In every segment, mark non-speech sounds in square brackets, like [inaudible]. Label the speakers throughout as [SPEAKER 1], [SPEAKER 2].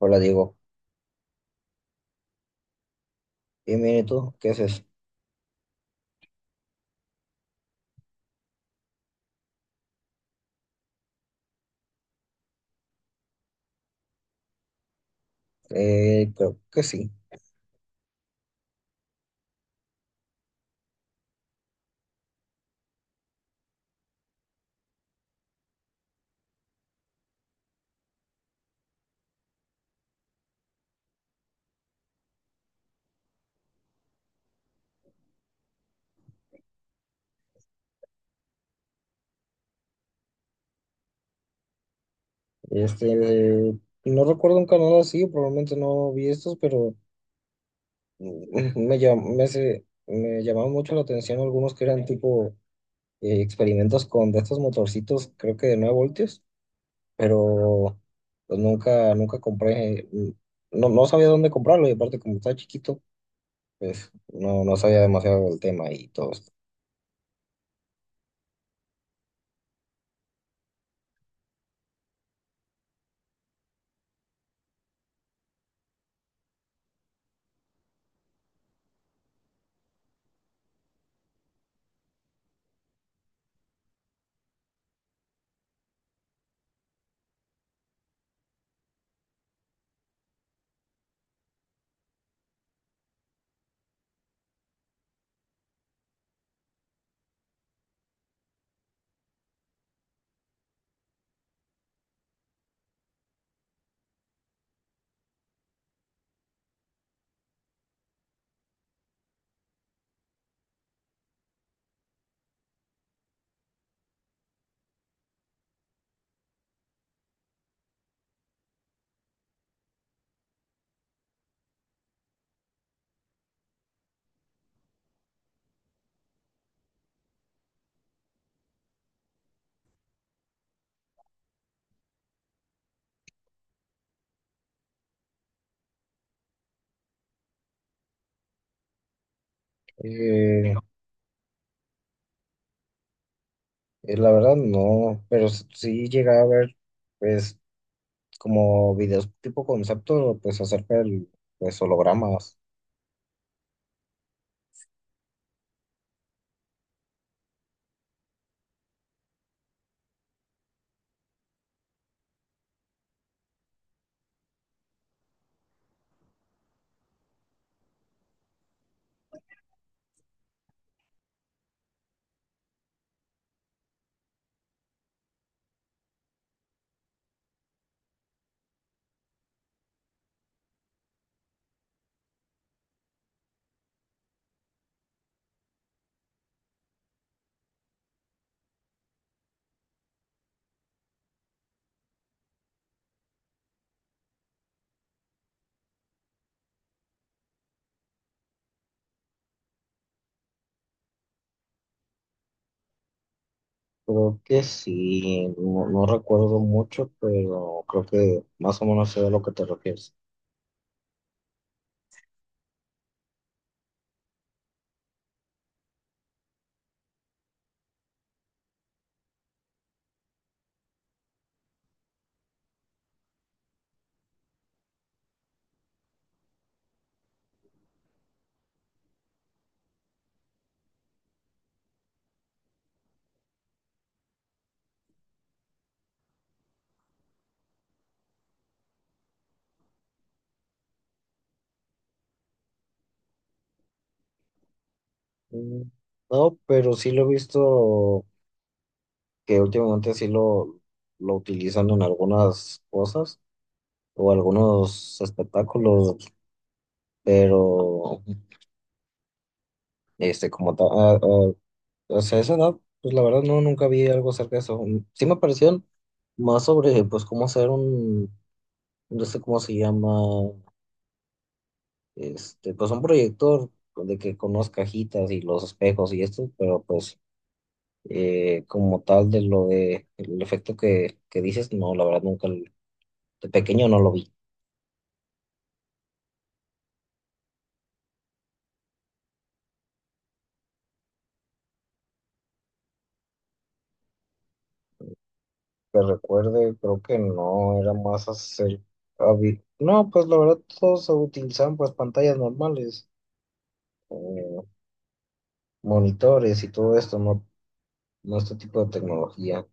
[SPEAKER 1] Hola Diego, bien, bien, ¿y tú? ¿Qué haces? Creo que sí. Este, eh, no recuerdo un canal así, probablemente no vi estos, pero me llamaron mucho la atención algunos que eran tipo experimentos con de estos motorcitos, creo que de 9 voltios, pero pues nunca compré, no, no sabía dónde comprarlo y aparte como estaba chiquito, pues no, no sabía demasiado del tema y todo esto. Eh, La verdad no, pero sí llegué a ver pues como videos tipo concepto pues acerca del pues hologramas. Creo que sí, no, no recuerdo mucho, pero creo que más o menos sé a lo que te refieres. Mm, no, pero sí lo he visto. Que últimamente lo utilizan en algunas cosas o algunos espectáculos, pero este como tal, o sea, esa edad, pues la verdad no, nunca vi algo acerca de eso. Mm, sí me parecieron más sobre, pues, cómo hacer no sé cómo se llama, pues un proyector de que con unas cajitas y los espejos y esto, pero pues como tal de lo de el efecto que dices, no, la verdad nunca, l- de pequeño no lo vi. Que recuerde, creo que no, era más no, pues la verdad todos utilizaban pues pantallas normales, eh, monitores y todo esto, ¿no? Nuestro tipo de tecnología.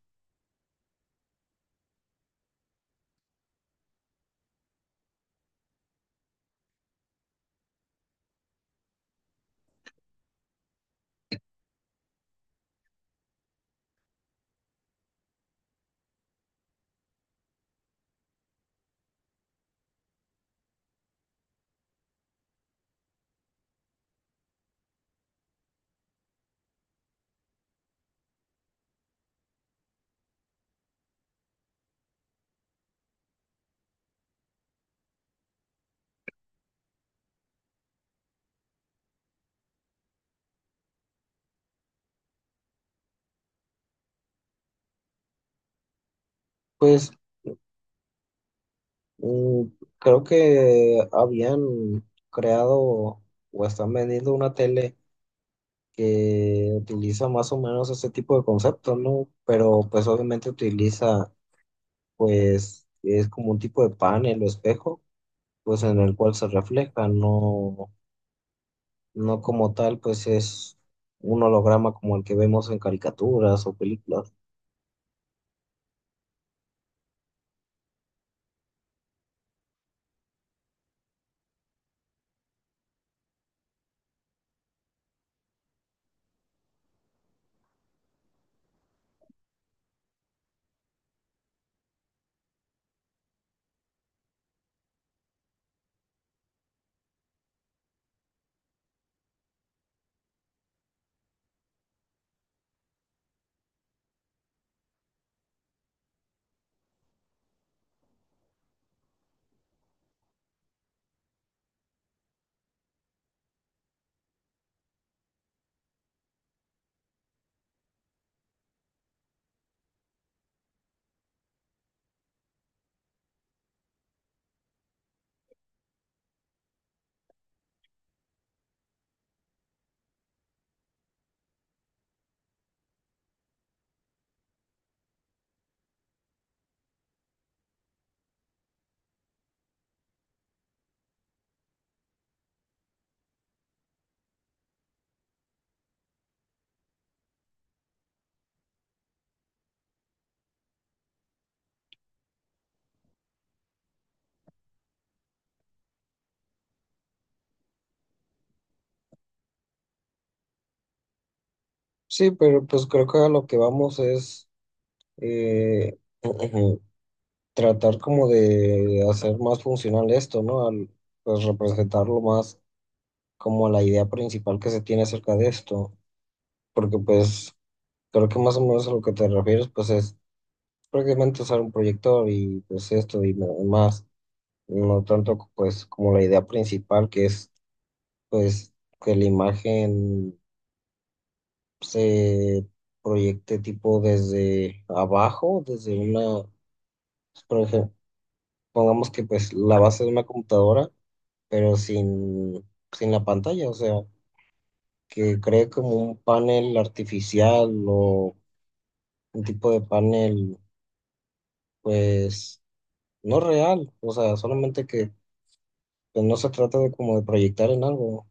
[SPEAKER 1] Pues mm, creo que habían creado o están vendiendo una tele que utiliza más o menos ese tipo de conceptos, ¿no? Pero pues obviamente pues es como un tipo de panel o espejo, pues en el cual se refleja, no, no como tal, pues es un holograma como el que vemos en caricaturas o películas. Sí, pero pues creo que a lo que vamos es… eh, [clears throat] tratar como de hacer más funcional esto, ¿no? Al, pues representarlo más como la idea principal que se tiene acerca de esto, porque pues creo que más o menos a lo que te refieres pues es prácticamente usar un proyector y pues esto y nada más, no tanto pues como la idea principal que es pues que la imagen se proyecte tipo desde abajo, desde una, por ejemplo, pongamos que pues la base de una computadora pero sin la pantalla, o sea, que cree como un panel artificial o un tipo de panel, pues, no real, o sea, solamente que pues, no se trata de como de proyectar en algo.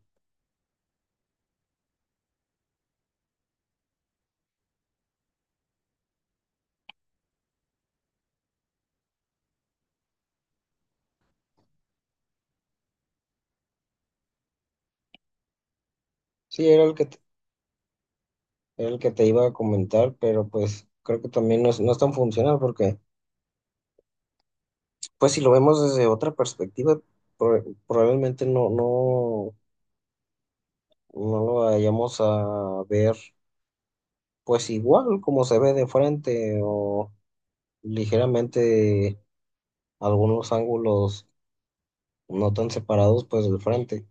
[SPEAKER 1] Sí, era el que te, Era el que te iba a comentar, pero pues creo que también no es, no es tan funcional porque, pues, si lo vemos desde otra perspectiva, probablemente no lo vayamos a ver, pues, igual como se ve de frente o ligeramente algunos ángulos no tan separados pues del frente.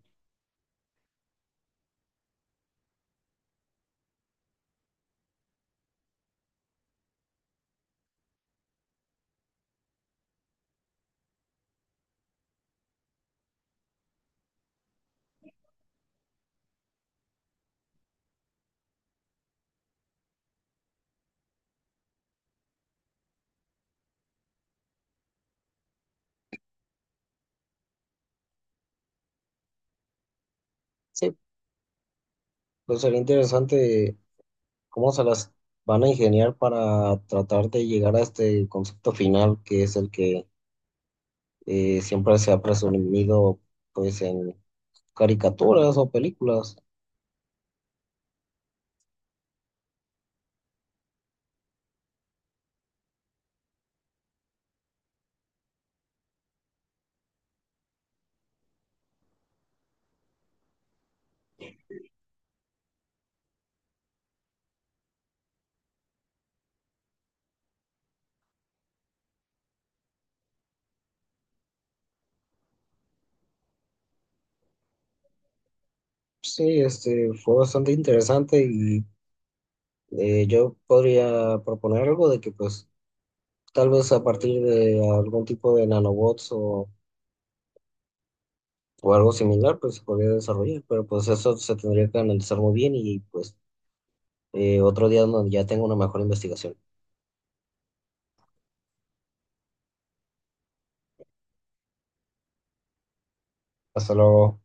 [SPEAKER 1] Sí, pues sería interesante cómo se las van a ingeniar para tratar de llegar a este concepto final que es el que siempre se ha presumido pues en caricaturas o películas. Sí, este fue bastante interesante y yo podría proponer algo de que pues tal vez a partir de algún tipo de nanobots o algo similar, pues se podría desarrollar, pero pues eso se tendría que analizar muy bien y pues otro día donde ya tengo una mejor investigación. Hasta luego.